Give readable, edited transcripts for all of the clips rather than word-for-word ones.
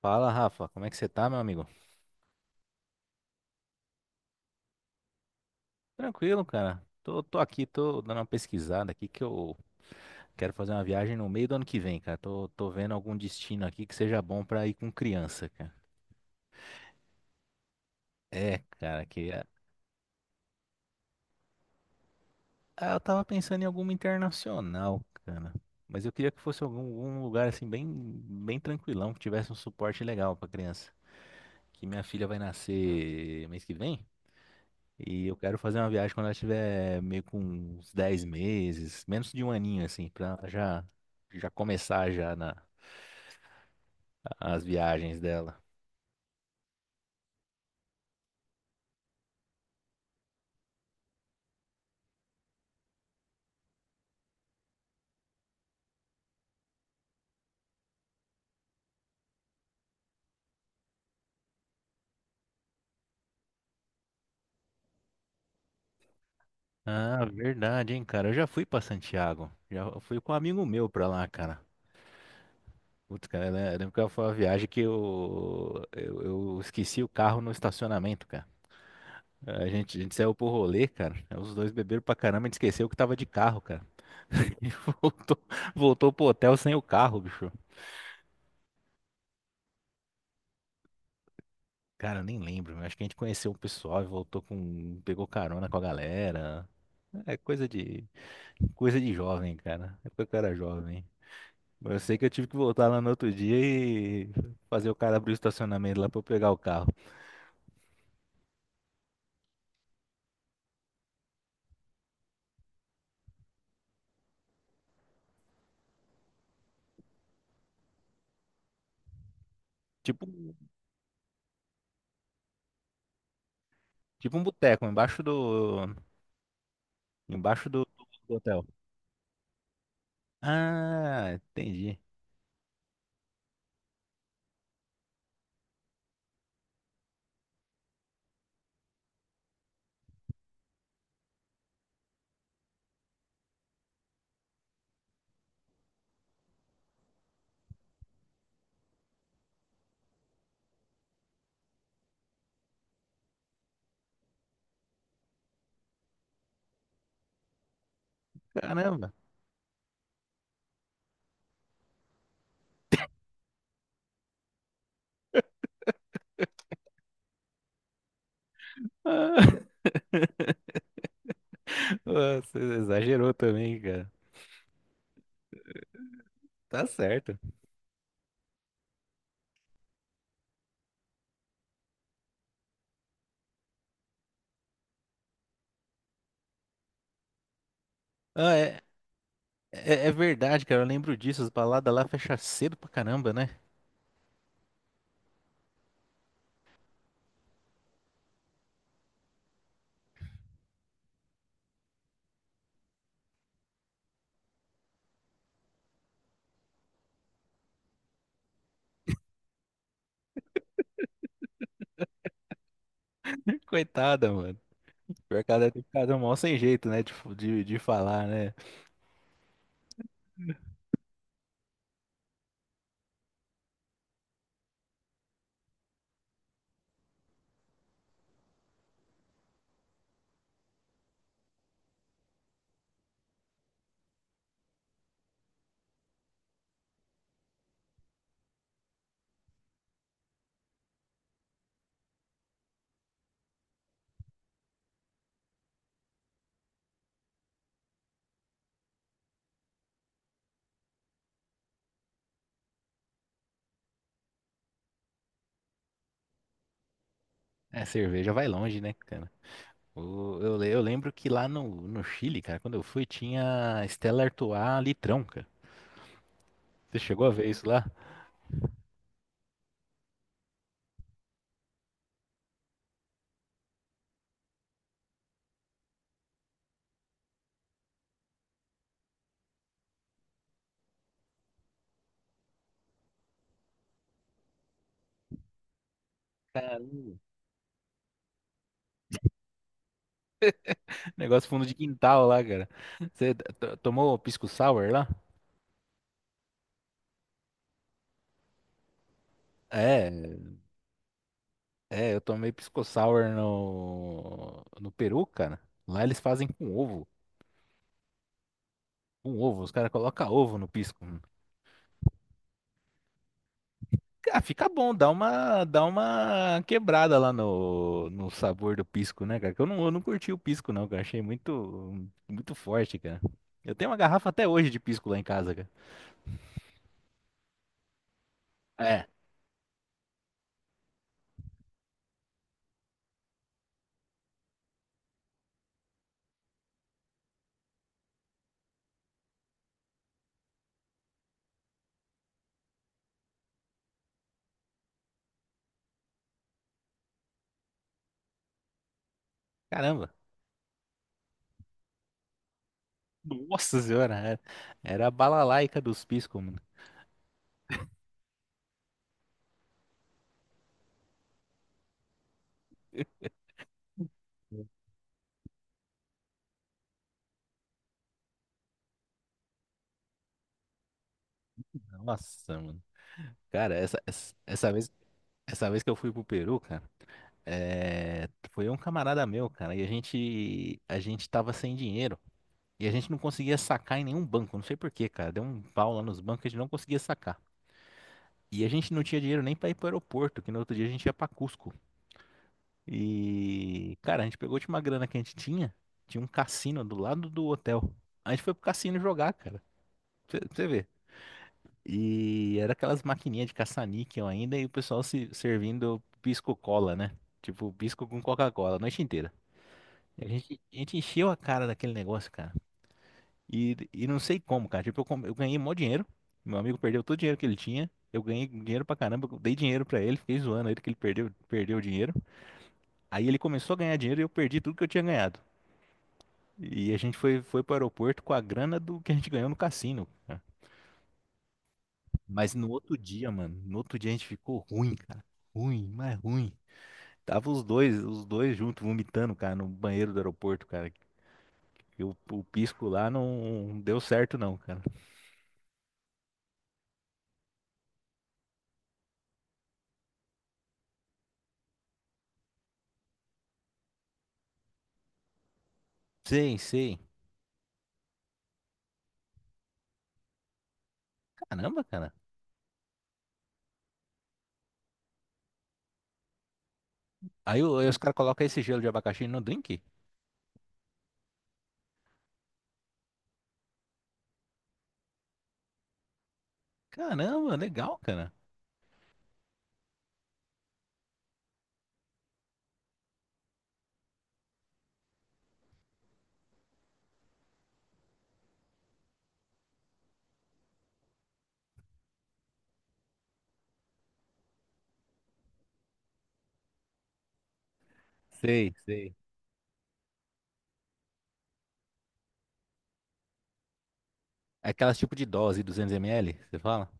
Fala, Rafa, como é que você tá, meu amigo? Tranquilo, cara. Tô aqui, tô dando uma pesquisada aqui que eu quero fazer uma viagem no meio do ano que vem, cara. Tô vendo algum destino aqui que seja bom pra ir com criança, cara. É, cara, eu tava pensando em alguma internacional, cara. Mas eu queria que fosse algum lugar assim bem, bem tranquilão, que tivesse um suporte legal pra criança. Que minha filha vai nascer mês que vem. E eu quero fazer uma viagem quando ela tiver meio com uns 10 meses, menos de um aninho, assim, pra já, já começar já na, as viagens dela. Ah, verdade, hein, cara. Eu já fui pra Santiago. Já fui com um amigo meu pra lá, cara. Putz, cara, eu lembro que foi uma viagem que eu esqueci o carro no estacionamento, cara. A gente saiu pro rolê, cara. Os dois beberam pra caramba, a gente esqueceu que tava de carro, cara. E voltou, voltou pro hotel sem o carro, bicho. Cara, eu nem lembro. Acho que a gente conheceu o pessoal e voltou com. Pegou carona com a galera. É coisa de. Coisa de jovem, cara. É porque eu era jovem. Mas eu sei que eu tive que voltar lá no outro dia e fazer o cara abrir o estacionamento lá pra eu pegar o carro. Tipo, tipo um boteco, embaixo do. Embaixo do, do hotel. Ah, entendi. Caramba. Ah, você exagerou também, cara. Tá certo. Ah, é verdade, cara. Eu lembro disso. As baladas lá fecham cedo pra caramba, né? Coitada, mano. Pior que ela deve ter ficado mal sem jeito, né? De falar, né? É, cerveja vai longe, né, cara? O- Eu lembro que lá no, no Chile, cara, quando eu fui, tinha Stella Artois litrão, cara. Você chegou a ver isso lá? Caramba. Negócio fundo de quintal lá, cara. Você tomou pisco sour lá? É, é, eu tomei pisco sour no, no Peru, cara. Lá eles fazem com ovo. Com ovo, os caras colocam ovo no pisco. Ah, fica bom, dá uma quebrada lá no, no sabor do pisco, né, cara? Que eu não curti o pisco, não, cara. Achei muito, muito forte, cara. Eu tenho uma garrafa até hoje de pisco lá em casa, cara. É. Caramba. Nossa senhora, é- era a balalaica dos piscos, mano. Nossa, mano. Cara, essa vez que eu fui pro Peru, cara, é, foi um camarada meu, cara, e a gente tava sem dinheiro. E a gente não conseguia sacar em nenhum banco, não sei por quê, cara. Deu um pau lá nos bancos, que a gente não conseguia sacar. E a gente não tinha dinheiro nem pra ir pro aeroporto, que no outro dia a gente ia pra Cusco. E, cara, a gente pegou a última grana que a gente tinha, tinha um cassino do lado do hotel. A gente foi pro cassino jogar, cara. Pra você ver. E era aquelas maquininhas de caça-níquel ainda e o pessoal se servindo pisco-cola, né? Tipo, pisco com Coca-Cola a noite inteira. E a gente encheu a cara daquele negócio, cara. E não sei como, cara. Tipo, eu ganhei mó dinheiro. Meu amigo perdeu todo o dinheiro que ele tinha. Eu ganhei dinheiro pra caramba. Eu dei dinheiro pra ele. Fiquei zoando ele que ele perdeu o dinheiro. Aí ele começou a ganhar dinheiro e eu perdi tudo que eu tinha ganhado. E a gente foi pro aeroporto com a grana do que a gente ganhou no cassino, cara. Mas no outro dia, mano. No outro dia a gente ficou ruim, cara. Ruim, mas ruim. Tava os dois juntos vomitando, cara, no banheiro do aeroporto, cara. E o pisco lá não deu certo, não, cara. Sei, sei. Caramba, cara. Aí, o- aí os caras colocam esse gelo de abacaxi no drink? Caramba, legal, cara. Sei, sei. Aquelas tipo de dose, 200 ml, você fala?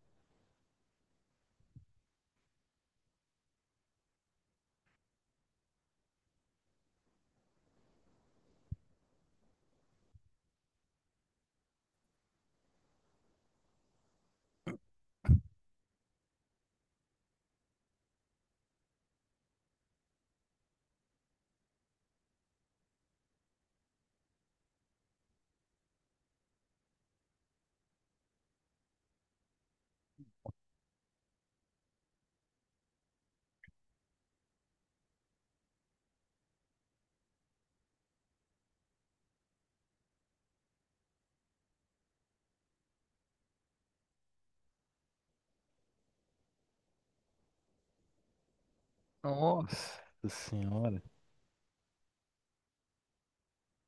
Nossa senhora.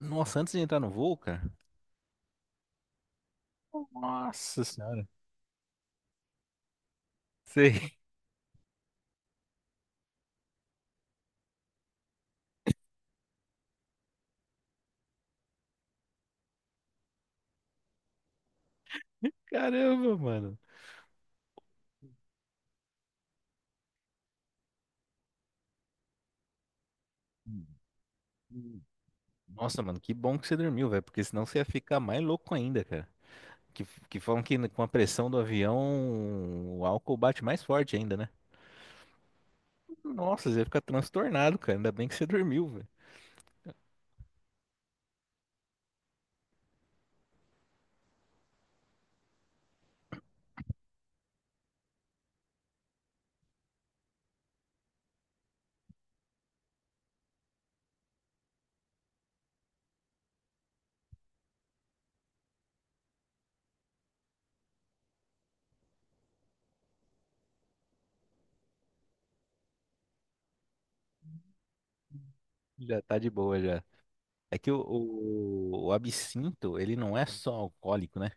Nossa, antes de entrar no voo, cara. Nossa senhora. Sei. Caramba, mano. Nossa, mano, que bom que você dormiu, velho, porque senão você ia ficar mais louco ainda, cara. Que falam que com a pressão do avião, o álcool bate mais forte ainda, né? Nossa, você ia ficar transtornado, cara. Ainda bem que você dormiu, velho. Já tá de boa já. É que o absinto, ele não é só alcoólico, né?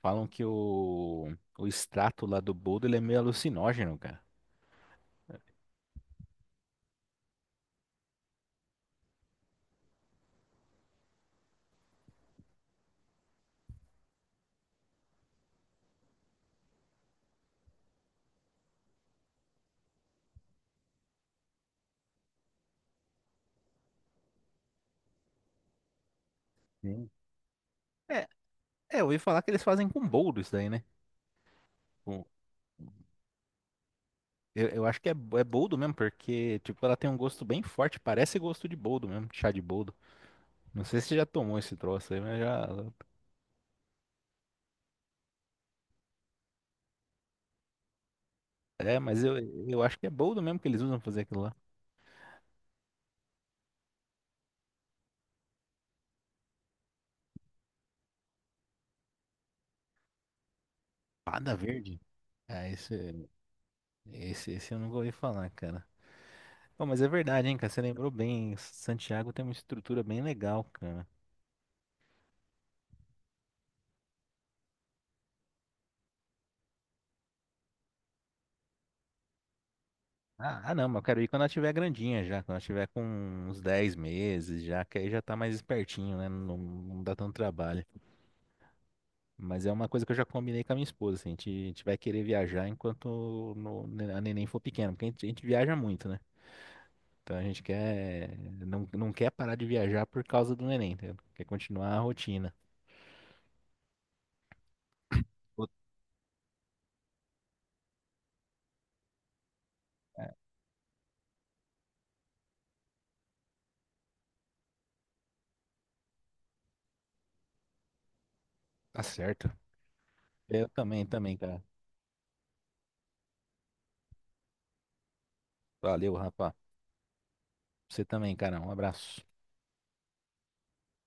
Falam que o extrato lá do boldo, ele é meio alucinógeno, cara. Sim. É, é, eu ouvi falar que eles fazem com boldo isso daí, né? Com- eu acho que é, bo- é boldo mesmo, porque, tipo, ela tem um gosto bem forte, parece gosto de boldo mesmo, de chá de boldo. Não sei se você já tomou esse troço aí, mas já... É, mas eu acho que é boldo mesmo que eles usam pra fazer aquilo lá. Pada verde? Ah, esse eu nunca ouvi falar, cara. Pô, mas é verdade, hein, cara? Você lembrou bem. Santiago tem uma estrutura bem legal, cara. Ah, ah, não, mas eu quero ir quando ela tiver grandinha já, quando ela tiver com uns 10 meses já, que aí já tá mais espertinho, né? Não, não dá tanto trabalho. Mas é uma coisa que eu já combinei com a minha esposa, assim, a gente vai querer viajar enquanto no- a neném for pequena, porque a gente viaja muito, né? Então a gente quer, não, não quer parar de viajar por causa do neném, entendeu? Quer continuar a rotina. Pô, tá certo. Eu também, também, cara. Valeu, rapaz. Você também, cara. Um abraço.